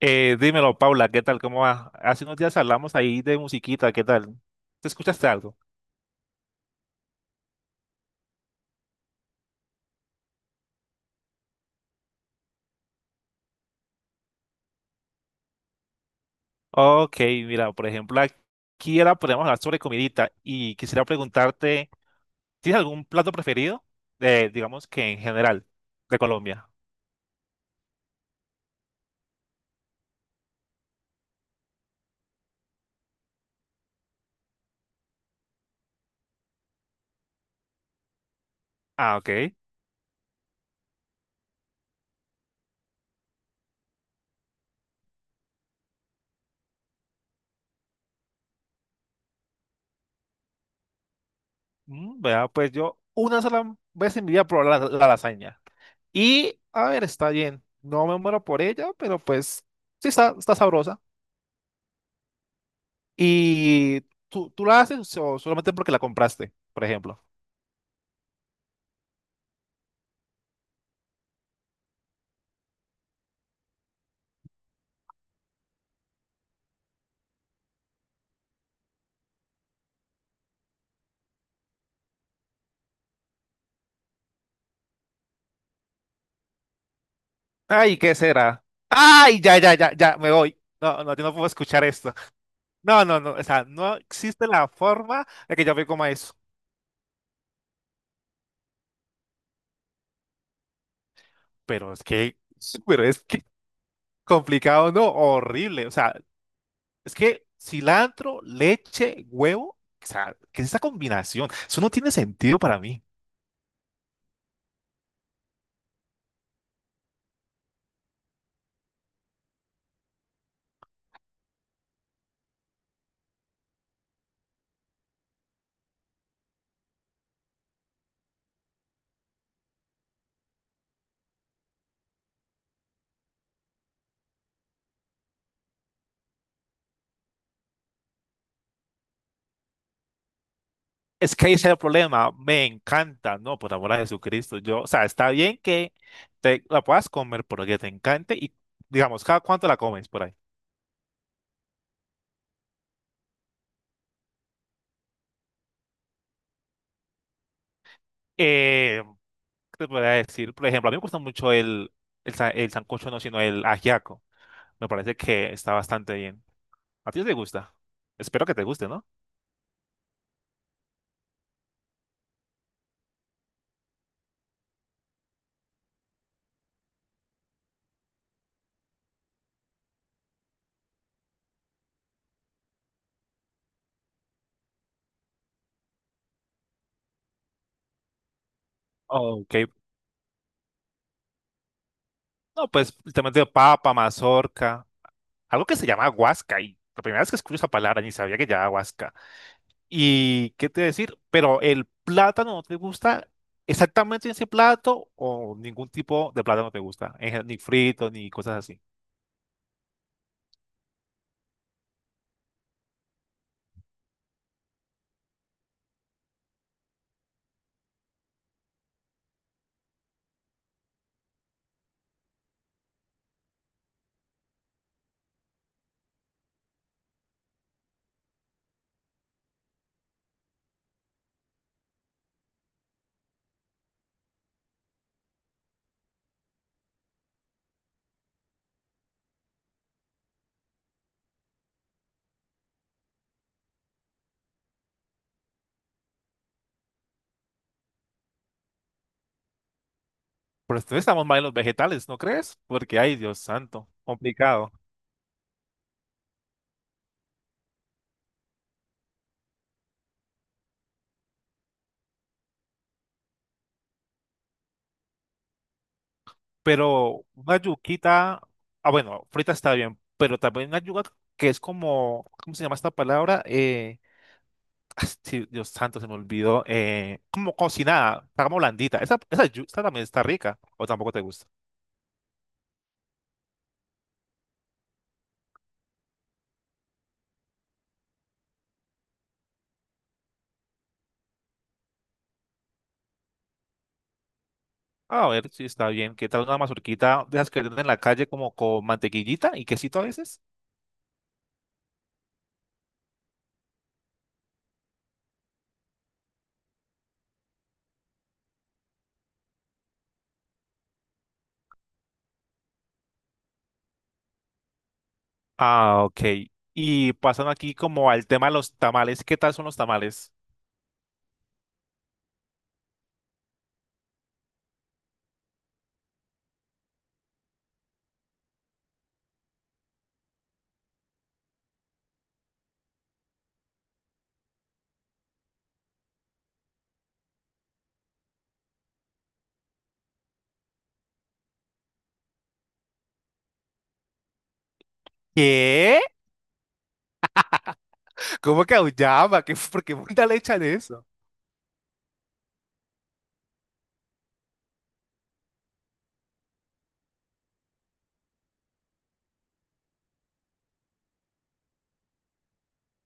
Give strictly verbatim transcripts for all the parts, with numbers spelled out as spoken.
Eh, dímelo, Paula, ¿qué tal? ¿Cómo va? Hace unos días hablamos ahí de musiquita, ¿qué tal? ¿Te escuchaste algo? Ok, mira, por ejemplo, aquí ahora podemos hablar sobre comidita y quisiera preguntarte, ¿tienes algún plato preferido? Eh, digamos que en general, de Colombia. Ah, ok. Mm, vea, pues yo una sola vez en mi vida probé la, la lasaña. Y, a ver, está bien. No me muero por ella, pero pues sí está, está sabrosa. ¿Y tú, tú la haces o solamente porque la compraste, por ejemplo? Ay, ¿qué será? Ay, ya, ya, ya, ya, me voy. No, no, yo no puedo escuchar esto. No, no, no, o sea, no existe la forma de que yo me coma eso. Pero es que, sí, pero es que complicado, no, horrible. O sea, es que cilantro, leche, huevo, o sea, ¿qué es esa combinación? Eso no tiene sentido para mí. Es que ese es el problema, me encanta, no, por amor a Jesucristo. Yo, o sea, está bien que te la puedas comer porque te encante y, digamos, cada cuánto la comes por ahí. Eh, ¿Te podría decir? Por ejemplo, a mí me gusta mucho el, el, sa- el sancocho, no, sino el ajiaco. Me parece que está bastante bien. ¿A ti te gusta? Espero que te guste, ¿no? Ok. No, pues justamente papa, mazorca, algo que se llama guasca. Y la primera vez que escucho esa palabra ni sabía que llamaba guasca. ¿Y qué te decir? Pero el plátano no te gusta exactamente ese plato o ningún tipo de plátano te gusta, en gen- ni frito ni cosas así. Pero entonces estamos mal en los vegetales, ¿no crees? Porque, ay, Dios santo, complicado. Pero una yuquita, ah, bueno, frita está bien, pero también una yuca que es como, ¿cómo se llama esta palabra? Eh, ah, sí, Dios santo, se me olvidó. Eh, como cocinada, está como blandita. Esa, esa yuca también está rica, o tampoco te gusta. A ver, sí, está bien. ¿Qué tal una mazurquita de esas que venden en la calle como con mantequillita y quesito a veces? Ah, ok. Y pasando aquí como al tema de los tamales. ¿Qué tal son los tamales? ¿Qué? ¿Cómo que auyama? ¿Qué, ¿Por qué puta le echan eso?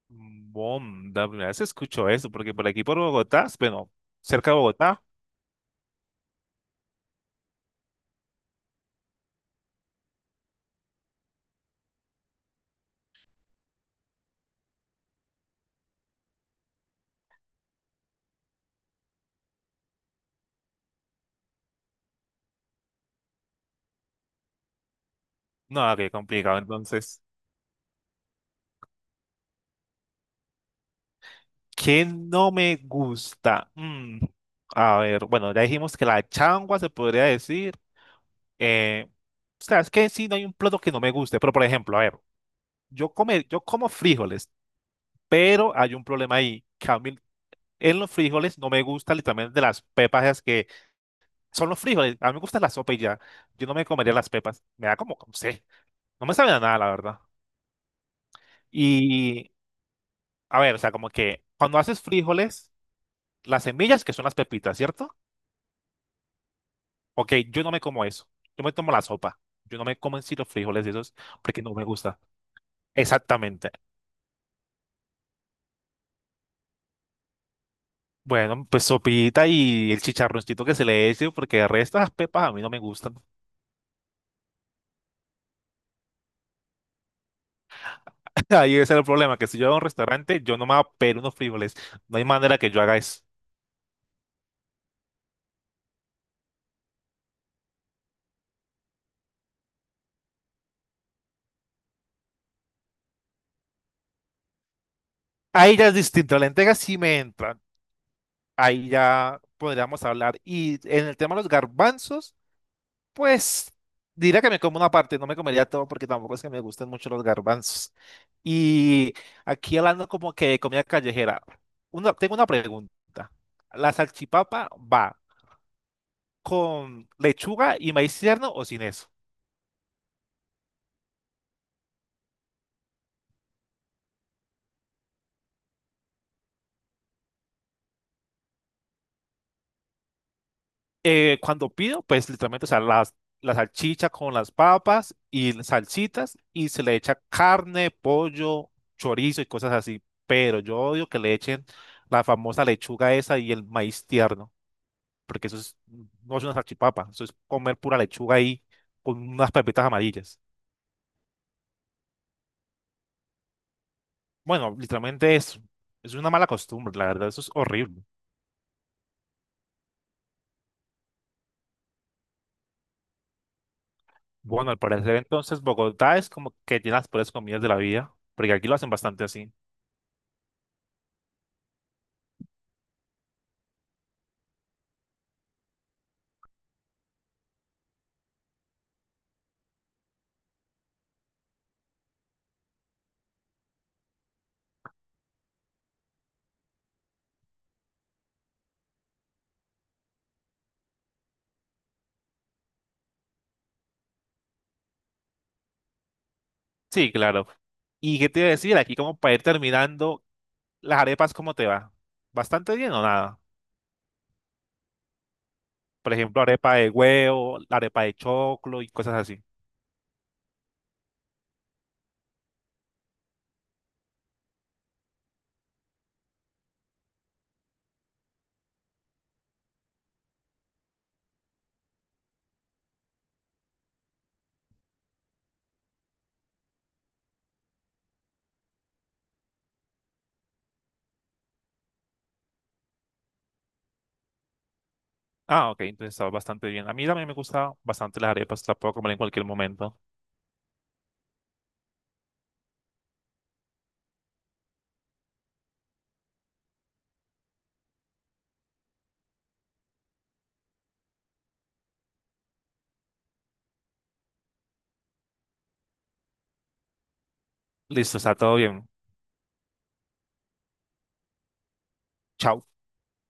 Bom, primera vez escucho eso, porque por aquí por Bogotá, bueno, cerca de Bogotá, no, ah, qué complicado. Entonces, ¿qué no me gusta? Mm, a ver, bueno, ya dijimos que la changua se podría decir. Eh, o sea, es que sí, no hay un plato que no me guste, pero por ejemplo, a ver, yo, come, yo como frijoles, pero hay un problema ahí, que a mí en los frijoles no me gusta literalmente las pepas, esas que son los frijoles. A mí me gusta la sopa y ya. Yo no me comería las pepas. Me da como, no sé, no me sabe a nada, la verdad. Y, a ver, o sea, como que cuando haces frijoles, las semillas, que son las pepitas, ¿cierto? Ok, yo no me como eso. Yo me tomo la sopa. Yo no me como en sí los frijoles y esos porque no me gusta. Exactamente. Bueno, pues sopita y el chicharroncito que se le eche, porque el resto de las pepas a mí no me gustan. Ahí ese es el problema, que si yo voy a un restaurante, yo no me voy a pedir unos frijoles. No hay manera que yo haga eso. Ahí ya es distinto, la entrega sí me entra. Ahí ya podríamos hablar. Y en el tema de los garbanzos. Pues diría que me como una parte, no me comería todo porque tampoco es que me gusten mucho los garbanzos. Y aquí hablando como que de comida callejera, una- tengo una pregunta. ¿La salchipapa va con lechuga y maíz tierno o sin eso? Eh, cuando pido, pues literalmente, o sea, las, la salchicha con las papas y las salsitas y se le echa carne, pollo, chorizo y cosas así. Pero yo odio que le echen la famosa lechuga esa y el maíz tierno, porque eso es, no es una salchipapa, eso es comer pura lechuga ahí con unas pepitas amarillas. Bueno, literalmente eso, es una mala costumbre, la verdad, eso es horrible. Bueno, al parecer entonces Bogotá es como que tiene las peores comidas de la vida, porque aquí lo hacen bastante así. Sí, claro. ¿Y qué te iba a decir? Aquí como para ir terminando, las arepas, ¿cómo te va? ¿Bastante bien o nada? Por ejemplo, arepa de huevo, la arepa de choclo y cosas así. Ah, ok, entonces estaba bastante bien. A mí también me gustan bastante las arepas, las puedo comer en cualquier momento. Listo, está todo bien. Chao.